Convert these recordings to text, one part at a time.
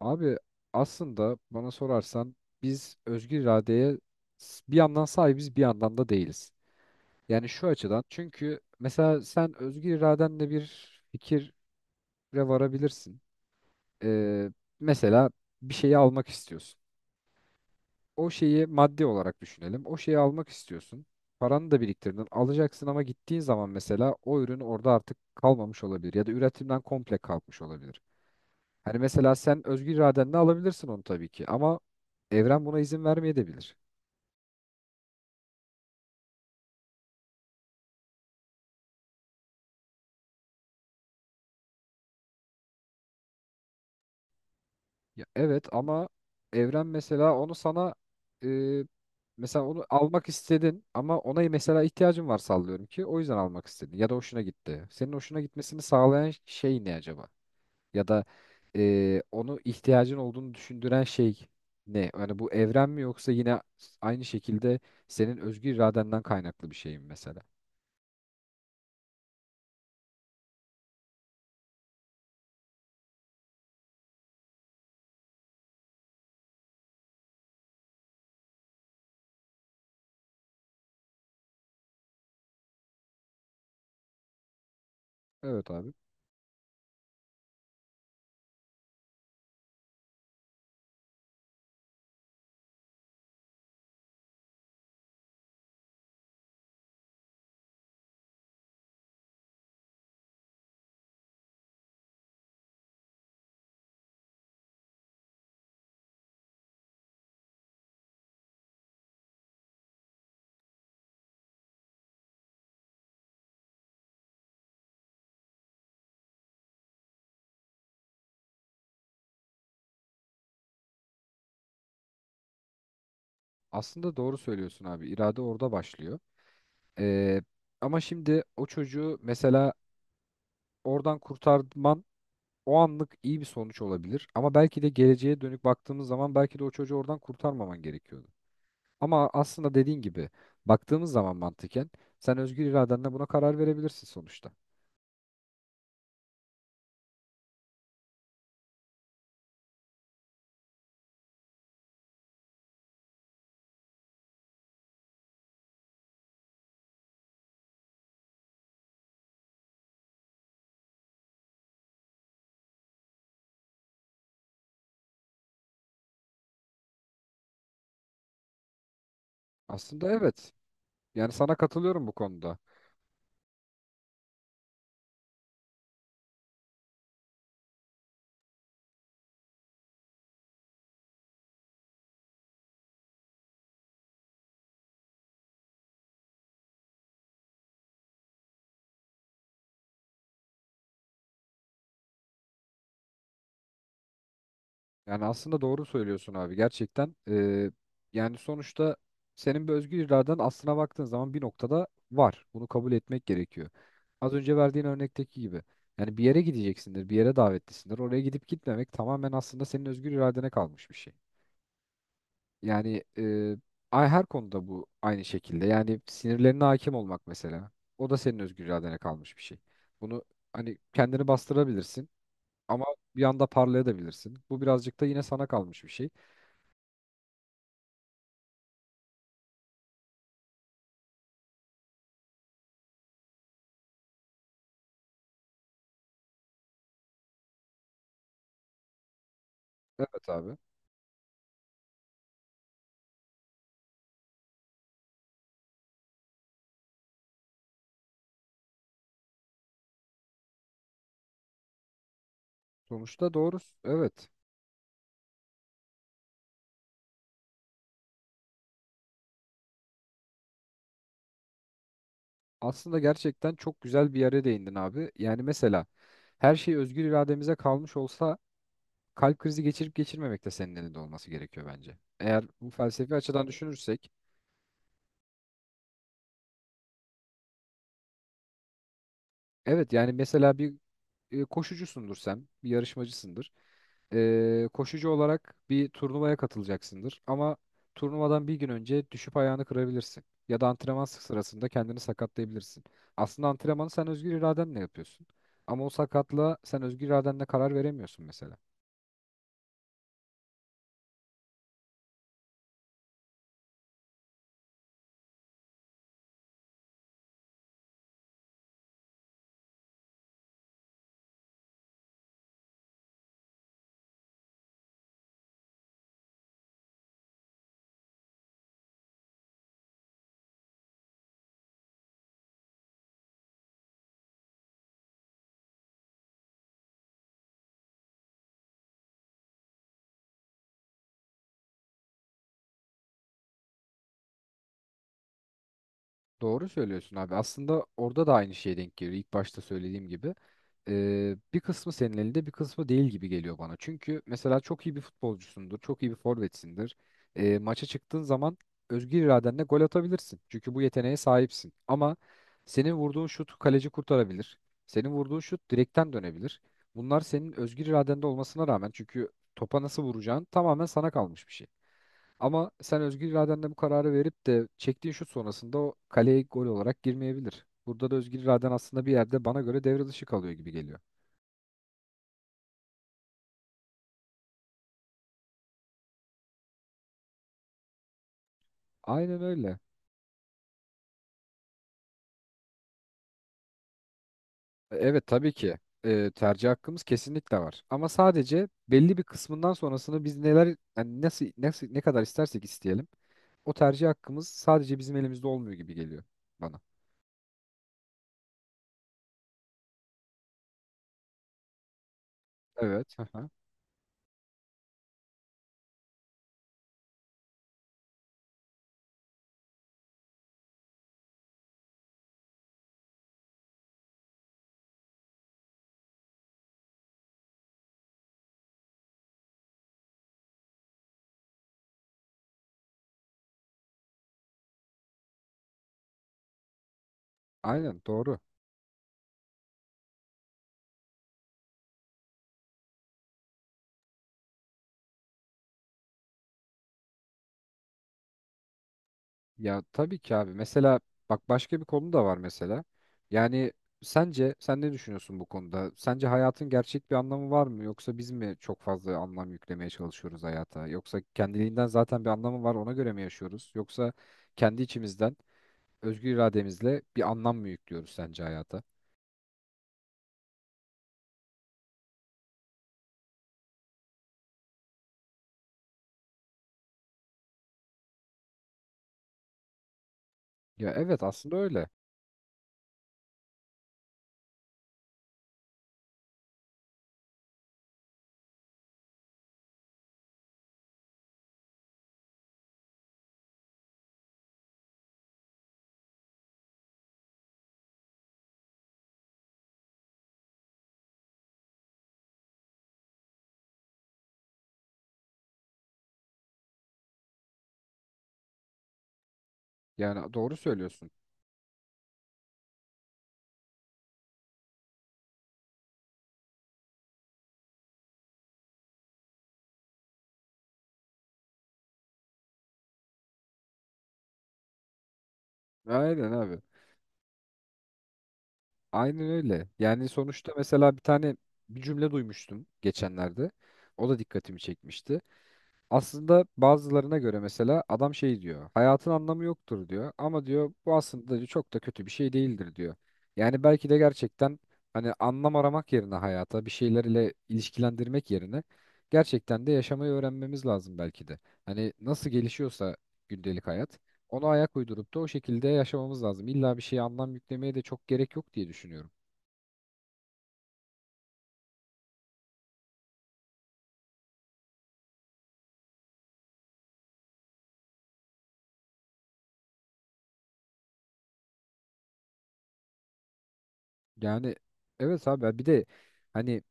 Abi aslında bana sorarsan biz özgür iradeye bir yandan sahibiz bir yandan da değiliz. Yani şu açıdan çünkü mesela sen özgür iradenle bir fikire varabilirsin. Ee, Mesela bir şeyi almak istiyorsun. O şeyi maddi olarak düşünelim. O şeyi almak istiyorsun. Paranı da biriktirdin. Alacaksın ama gittiğin zaman mesela o ürün orada artık kalmamış olabilir ya da üretimden komple kalkmış olabilir. Hani mesela sen özgür iradenle alabilirsin onu tabii ki ama evren buna izin vermeyebilir. Ya evet ama evren mesela onu sana e, mesela onu almak istedin ama ona mesela ihtiyacın var sallıyorum ki o yüzden almak istedin ya da hoşuna gitti. Senin hoşuna gitmesini sağlayan şey ne acaba? Ya da onu ihtiyacın olduğunu düşündüren şey ne? Yani bu evren mi yoksa yine aynı şekilde senin özgür iradenden kaynaklı bir şey mi mesela? Evet abi. Aslında doğru söylüyorsun abi. İrade orada başlıyor. Ee, Ama şimdi o çocuğu mesela oradan kurtarman o anlık iyi bir sonuç olabilir. Ama belki de geleceğe dönük baktığımız zaman belki de o çocuğu oradan kurtarmaman gerekiyordu. Ama aslında dediğin gibi baktığımız zaman mantıken sen özgür iradenle buna karar verebilirsin sonuçta. Aslında evet. Yani sana katılıyorum bu konuda. Yani aslında doğru söylüyorsun abi gerçekten. Yani sonuçta senin bir özgür iraden aslına baktığın zaman bir noktada var. Bunu kabul etmek gerekiyor. Az önce verdiğin örnekteki gibi. Yani bir yere gideceksindir, bir yere davetlisindir. Oraya gidip gitmemek tamamen aslında senin özgür iradene kalmış bir şey. Yani her konuda bu aynı şekilde. Yani sinirlerine hakim olmak mesela. O da senin özgür iradene kalmış bir şey. Bunu hani kendini bastırabilirsin ama bir anda parlayabilirsin. Bu birazcık da yine sana kalmış bir şey. Evet abi. Sonuçta doğrusu evet. Aslında gerçekten çok güzel bir yere değindin abi. Yani mesela her şey özgür irademize kalmış olsa kalp krizi geçirip geçirmemek de senin elinde olması gerekiyor bence. Eğer bu felsefi açıdan düşünürsek evet yani mesela bir koşucusundur sen, bir yarışmacısındır. Koşucu olarak bir turnuvaya katılacaksındır. Ama turnuvadan bir gün önce düşüp ayağını kırabilirsin. Ya da antrenman sırasında kendini sakatlayabilirsin. Aslında antrenmanı sen özgür iradenle yapıyorsun. Ama o sakatlığa sen özgür iradenle karar veremiyorsun mesela. Doğru söylüyorsun abi. Aslında orada da aynı şeye denk geliyor. İlk başta söylediğim gibi. Bir kısmı senin elinde bir kısmı değil gibi geliyor bana. Çünkü mesela çok iyi bir futbolcusundur. Çok iyi bir forvetsindir. Maça çıktığın zaman özgür iradenle gol atabilirsin. Çünkü bu yeteneğe sahipsin. Ama senin vurduğun şut kaleci kurtarabilir. Senin vurduğun şut direkten dönebilir. Bunlar senin özgür iradende olmasına rağmen çünkü topa nasıl vuracağın tamamen sana kalmış bir şey. Ama sen özgür iradenle bu kararı verip de çektiğin şut sonrasında o kaleye gol olarak girmeyebilir. Burada da özgür iraden aslında bir yerde bana göre devre dışı kalıyor gibi geliyor. Aynen öyle. Evet tabii ki, tercih hakkımız kesinlikle var. Ama sadece belli bir kısmından sonrasını biz neler yani nasıl, nasıl ne kadar istersek isteyelim o tercih hakkımız sadece bizim elimizde olmuyor gibi geliyor bana. Evet. Aha. Aynen doğru. Ya tabii ki abi. Mesela bak başka bir konu da var mesela. Yani sence sen ne düşünüyorsun bu konuda? Sence hayatın gerçek bir anlamı var mı? Yoksa biz mi çok fazla anlam yüklemeye çalışıyoruz hayata? Yoksa kendiliğinden zaten bir anlamı var ona göre mi yaşıyoruz? Yoksa kendi içimizden özgür irademizle bir anlam mı yüklüyoruz sence hayata? Ya evet aslında öyle. Yani doğru söylüyorsun. Aynen abi. Aynen öyle. Yani sonuçta mesela bir cümle duymuştum geçenlerde. O da dikkatimi çekmişti. Aslında bazılarına göre mesela adam şey diyor. Hayatın anlamı yoktur diyor. Ama diyor bu aslında diyor, çok da kötü bir şey değildir diyor. Yani belki de gerçekten hani anlam aramak yerine hayata bir şeylerle ilişkilendirmek yerine gerçekten de yaşamayı öğrenmemiz lazım belki de. Hani nasıl gelişiyorsa gündelik hayat ona ayak uydurup da o şekilde yaşamamız lazım. İlla bir şeye anlam yüklemeye de çok gerek yok diye düşünüyorum. Yani evet abi bir de hani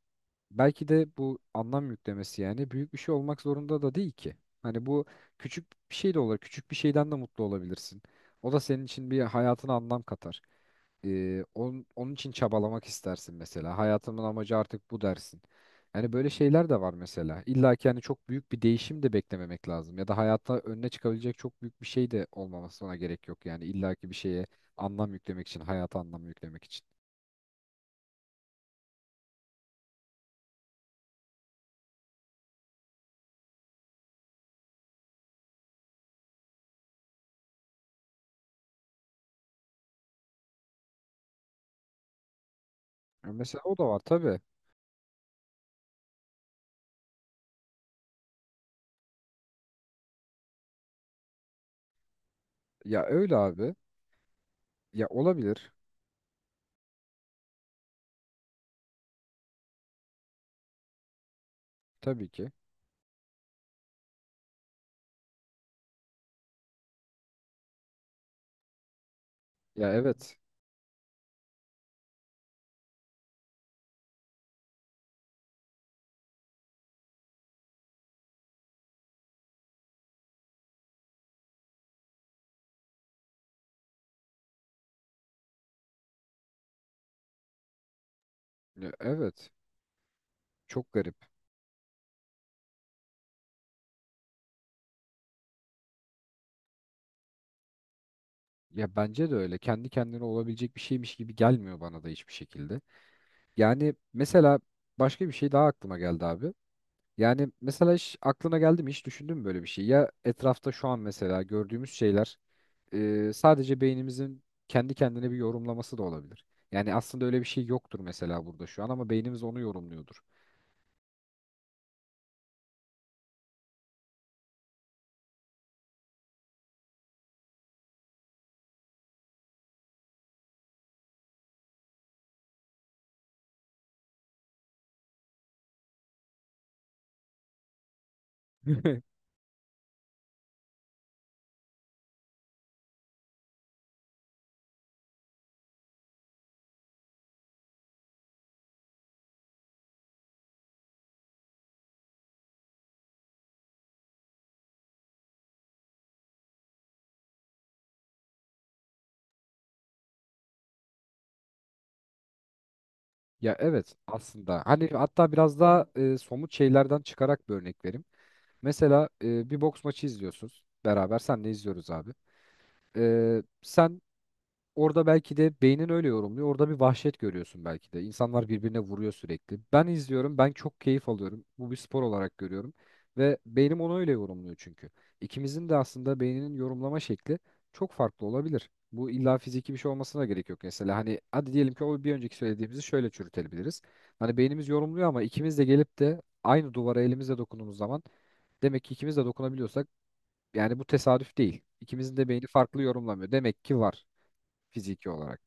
belki de bu anlam yüklemesi yani büyük bir şey olmak zorunda da değil ki. Hani bu küçük bir şey de olur. Küçük bir şeyden de mutlu olabilirsin. O da senin için bir hayatına anlam katar. Onun için çabalamak istersin mesela. Hayatımın amacı artık bu dersin. Yani böyle şeyler de var mesela. İlla ki hani çok büyük bir değişim de beklememek lazım. Ya da hayatta önüne çıkabilecek çok büyük bir şey de olmamasına gerek yok. Yani illa ki bir şeye anlam yüklemek için, hayata anlam yüklemek için. Ya mesela o da var tabii. Ya öyle abi. Ya olabilir tabii ki. Ya evet. Ya evet. Çok garip. Ya bence de öyle. Kendi kendine olabilecek bir şeymiş gibi gelmiyor bana da hiçbir şekilde. Yani mesela başka bir şey daha aklıma geldi abi. Yani mesela hiç aklına geldi mi hiç düşündün mü böyle bir şey? Ya etrafta şu an mesela gördüğümüz şeyler sadece beynimizin kendi kendine bir yorumlaması da olabilir. Yani aslında öyle bir şey yoktur mesela burada şu an ama beynimiz onu yorumluyordur. Ya evet aslında hani hatta biraz daha somut şeylerden çıkarak bir örnek vereyim. Mesela bir boks maçı izliyorsunuz beraber senle izliyoruz abi. Sen orada belki de beynin öyle yorumluyor. Orada bir vahşet görüyorsun belki de. İnsanlar birbirine vuruyor sürekli. Ben izliyorum, ben çok keyif alıyorum. Bu bir spor olarak görüyorum. Ve beynim onu öyle yorumluyor çünkü. İkimizin de aslında beyninin yorumlama şekli çok farklı olabilir. Bu illa fiziki bir şey olmasına gerek yok mesela. Hani hadi diyelim ki o bir önceki söylediğimizi şöyle çürütebiliriz. Hani beynimiz yorumluyor ama ikimiz de gelip de aynı duvara elimizle dokunduğumuz zaman demek ki ikimiz de dokunabiliyorsak yani bu tesadüf değil. İkimizin de beyni farklı yorumlamıyor. Demek ki var fiziki olarak.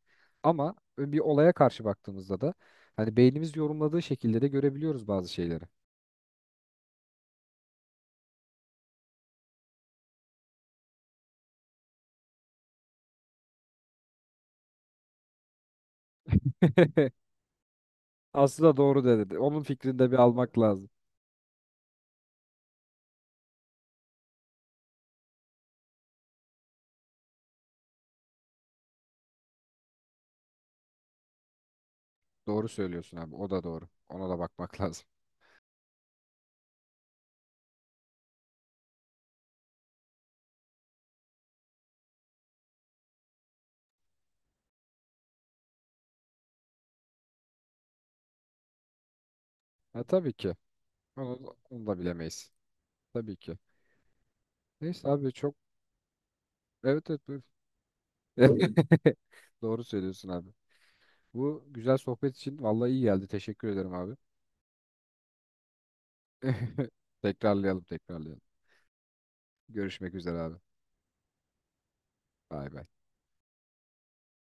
Ama bir olaya karşı baktığımızda da hani beynimiz yorumladığı şekilde de görebiliyoruz bazı şeyleri. Aslında doğru dedi. Onun fikrini de bir almak lazım. Doğru söylüyorsun abi. O da doğru. Ona da bakmak lazım. Ha, tabii ki. Onu da bilemeyiz. Tabii ki. Neyse abi çok evet evet. Buyur. Doğru söylüyorsun abi. Bu güzel sohbet için vallahi iyi geldi. Teşekkür ederim abi. Tekrarlayalım, tekrarlayalım. Görüşmek üzere abi. Bay bay.